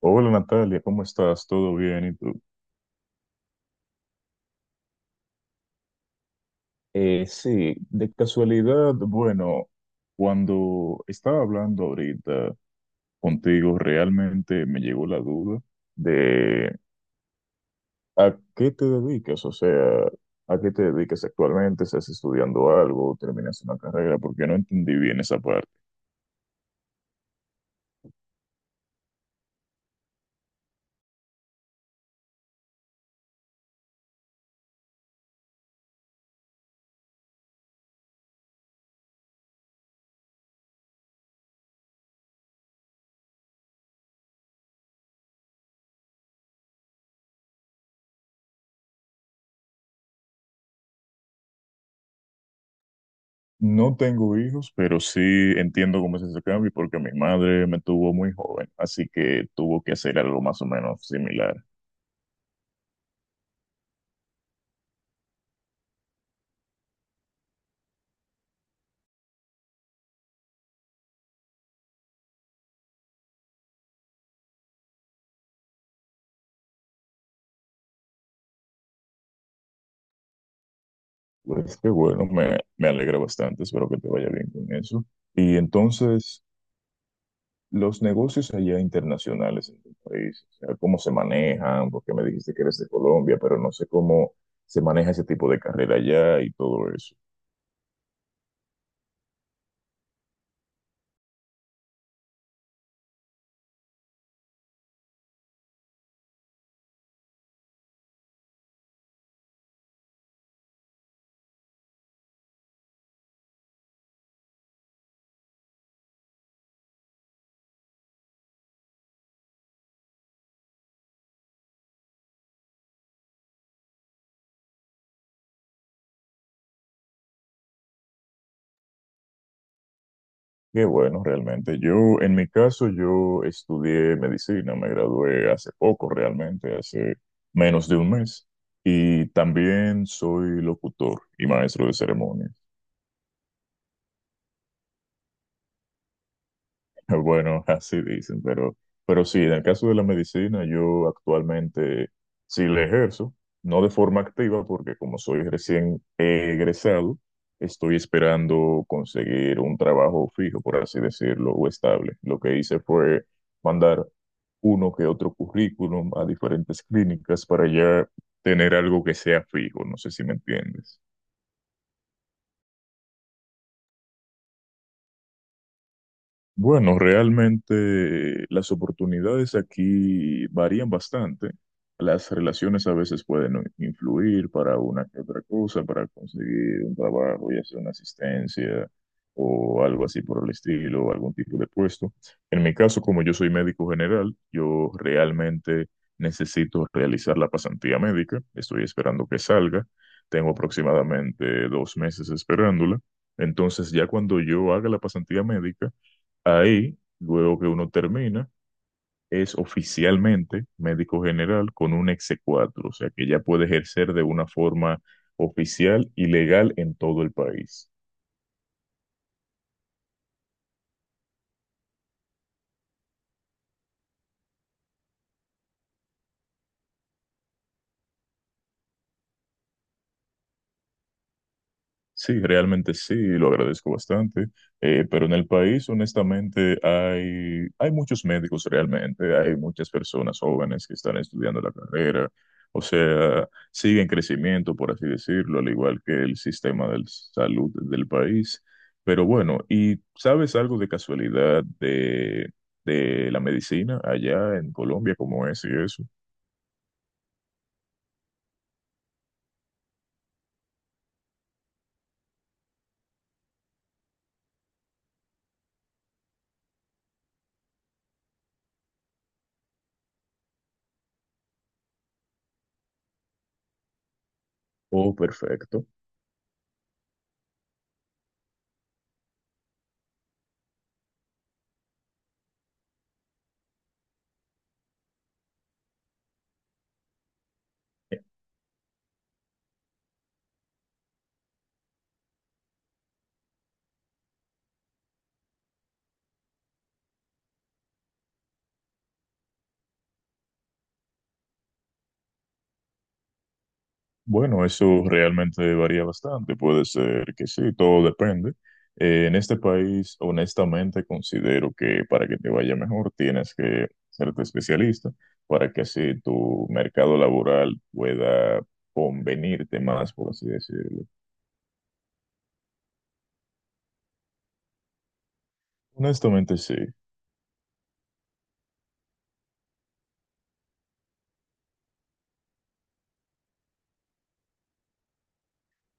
Hola Natalia, ¿cómo estás? ¿Todo bien? ¿Y tú? Sí, de casualidad, bueno, cuando estaba hablando ahorita contigo, realmente me llegó la duda de a qué te dedicas, o sea, a qué te dedicas actualmente, estás estudiando algo, terminas una carrera, porque no entendí bien esa parte. No tengo hijos, pero sí entiendo cómo es ese cambio, porque mi madre me tuvo muy joven, así que tuvo que hacer algo más o menos similar. Pues qué bueno, me alegra bastante, espero que te vaya bien con eso. Y entonces, los negocios allá internacionales en tu país, o sea, ¿cómo se manejan? Porque me dijiste que eres de Colombia, pero no sé cómo se maneja ese tipo de carrera allá y todo eso. Qué bueno, realmente. Yo, en mi caso, yo estudié medicina, me gradué hace poco, realmente, hace menos de un mes. Y también soy locutor y maestro de ceremonias. Bueno, así dicen, pero sí, en el caso de la medicina, yo actualmente sí la ejerzo, no de forma activa, porque como soy recién egresado, estoy esperando conseguir un trabajo fijo, por así decirlo, o estable. Lo que hice fue mandar uno que otro currículum a diferentes clínicas para ya tener algo que sea fijo, no sé si me entiendes. Bueno, realmente las oportunidades aquí varían bastante. Las relaciones a veces pueden influir para una que otra cosa, para conseguir un trabajo, ya sea una asistencia o algo así por el estilo, o algún tipo de puesto. En mi caso, como yo soy médico general, yo realmente necesito realizar la pasantía médica. Estoy esperando que salga. Tengo aproximadamente 2 meses esperándola. Entonces, ya cuando yo haga la pasantía médica, ahí, luego que uno termina, es oficialmente médico general con un exe cuatro, o sea que ya puede ejercer de una forma oficial y legal en todo el país. Sí, realmente sí, lo agradezco bastante, pero en el país honestamente hay muchos médicos realmente, hay muchas personas jóvenes que están estudiando la carrera, o sea, sigue en crecimiento, por así decirlo, al igual que el sistema de salud del país. Pero bueno, ¿y sabes algo de casualidad de la medicina allá en Colombia, cómo es y eso? Oh, perfecto. Bueno, eso realmente varía bastante. Puede ser que sí, todo depende. En este país, honestamente, considero que para que te vaya mejor tienes que serte especialista para que así tu mercado laboral pueda convenirte más, por así decirlo. Honestamente, sí.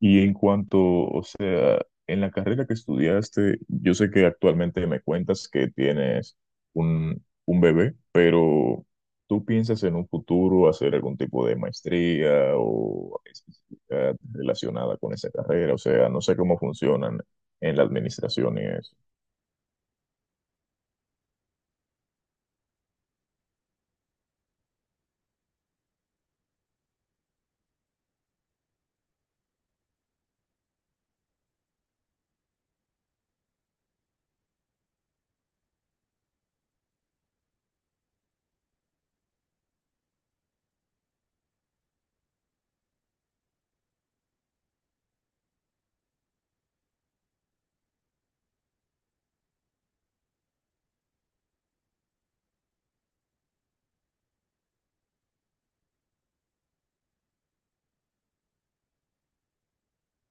Y en cuanto, o sea, en la carrera que estudiaste, yo sé que actualmente me cuentas que tienes un bebé, pero ¿tú piensas en un futuro hacer algún tipo de maestría o especialidad relacionada con esa carrera? O sea, no sé cómo funcionan en la administración y eso.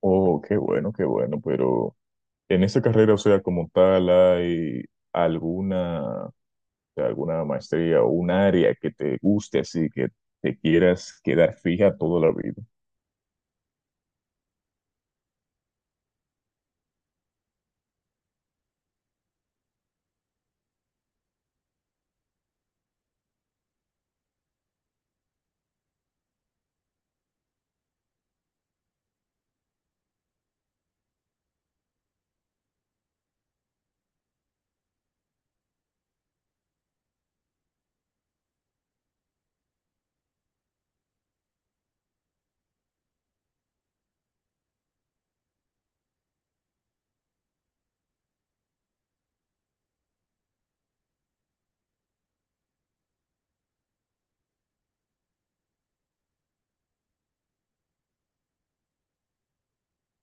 Oh, qué bueno, pero en esa carrera, o sea, como tal, ¿hay alguna de alguna maestría o un área que te guste, así que te quieras quedar fija toda la vida?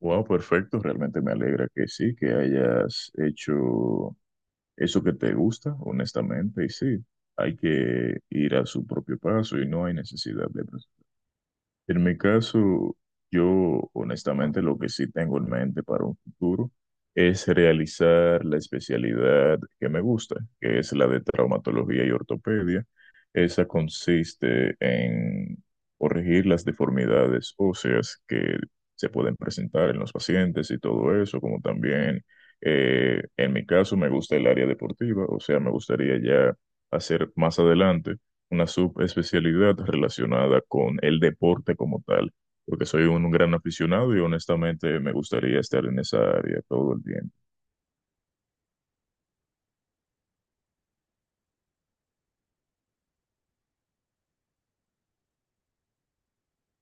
Wow, perfecto, realmente me alegra que sí, que hayas hecho eso que te gusta, honestamente, y sí, hay que ir a su propio paso y no hay necesidad de en mi caso, yo honestamente lo que sí tengo en mente para un futuro es realizar la especialidad que me gusta, que es la de traumatología y ortopedia. Esa consiste en corregir las deformidades óseas que se pueden presentar en los pacientes y todo eso, como también en mi caso me gusta el área deportiva, o sea, me gustaría ya hacer más adelante una subespecialidad relacionada con el deporte como tal, porque soy un gran aficionado y honestamente me gustaría estar en esa área todo el tiempo.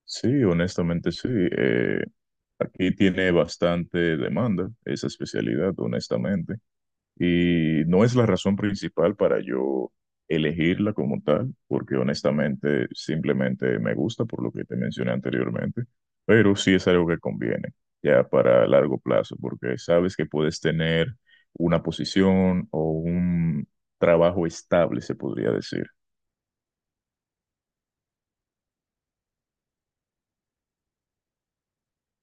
Sí, honestamente sí. Aquí tiene bastante demanda esa especialidad, honestamente. Y no es la razón principal para yo elegirla como tal, porque honestamente simplemente me gusta por lo que te mencioné anteriormente, pero sí es algo que conviene ya para largo plazo, porque sabes que puedes tener una posición o un trabajo estable, se podría decir.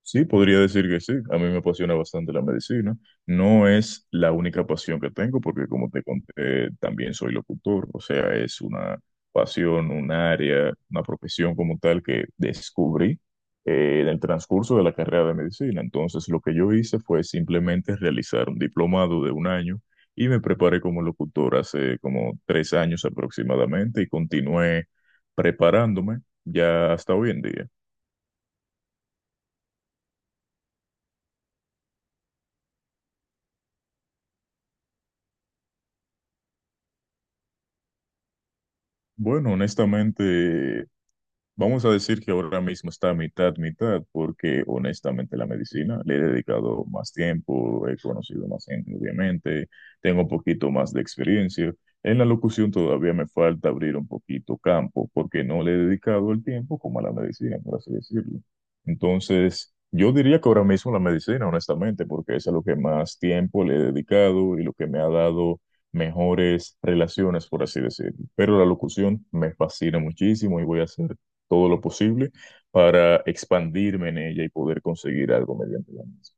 Sí, podría decir que sí. A mí me apasiona bastante la medicina. No es la única pasión que tengo, porque como te conté, también soy locutor. O sea, es una pasión, un área, una profesión como tal que descubrí en el transcurso de la carrera de medicina. Entonces, lo que yo hice fue simplemente realizar un diplomado de un año y me preparé como locutor hace como 3 años aproximadamente y continué preparándome ya hasta hoy en día. Bueno, honestamente, vamos a decir que ahora mismo está mitad, mitad, porque honestamente la medicina le he dedicado más tiempo, he conocido más gente, obviamente, tengo un poquito más de experiencia. En la locución todavía me falta abrir un poquito campo, porque no le he dedicado el tiempo como a la medicina, por así decirlo. Entonces, yo diría que ahora mismo la medicina, honestamente, porque es a lo que más tiempo le he dedicado y lo que me ha dado mejores relaciones, por así decirlo, pero la locución me fascina muchísimo y voy a hacer todo lo posible para expandirme en ella y poder conseguir algo mediante la misma.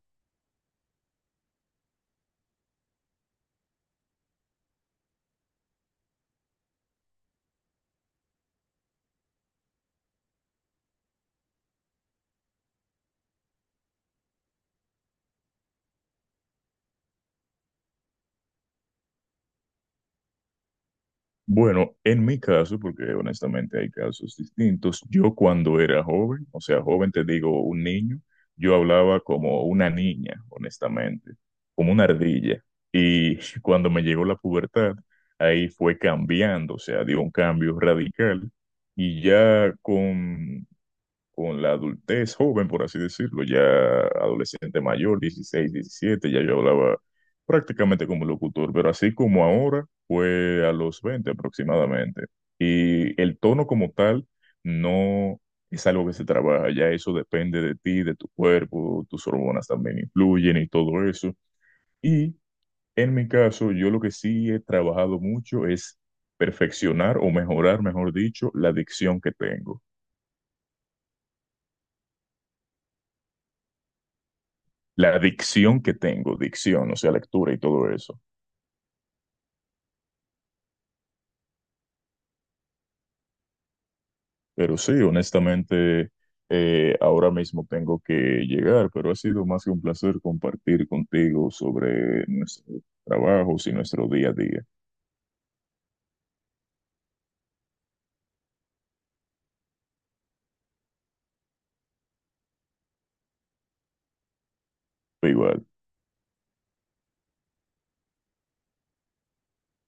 Bueno, en mi caso, porque honestamente hay casos distintos, yo cuando era joven, o sea, joven te digo un niño, yo hablaba como una niña, honestamente, como una ardilla. Y cuando me llegó la pubertad, ahí fue cambiando, o sea, dio un cambio radical. Y ya con la adultez joven, por así decirlo, ya adolescente mayor, 16, 17, ya yo hablaba prácticamente como locutor, pero así como ahora fue a los 20 aproximadamente. Y el tono como tal no es algo que se trabaja, ya eso depende de ti, de tu cuerpo, tus hormonas también influyen y todo eso. Y en mi caso, yo lo que sí he trabajado mucho es perfeccionar o mejorar, mejor dicho, la dicción que tengo. La dicción que tengo, dicción, o sea, lectura y todo eso. Pero sí, honestamente, ahora mismo tengo que llegar, pero ha sido más que un placer compartir contigo sobre nuestros trabajos y nuestro día a día. Igual.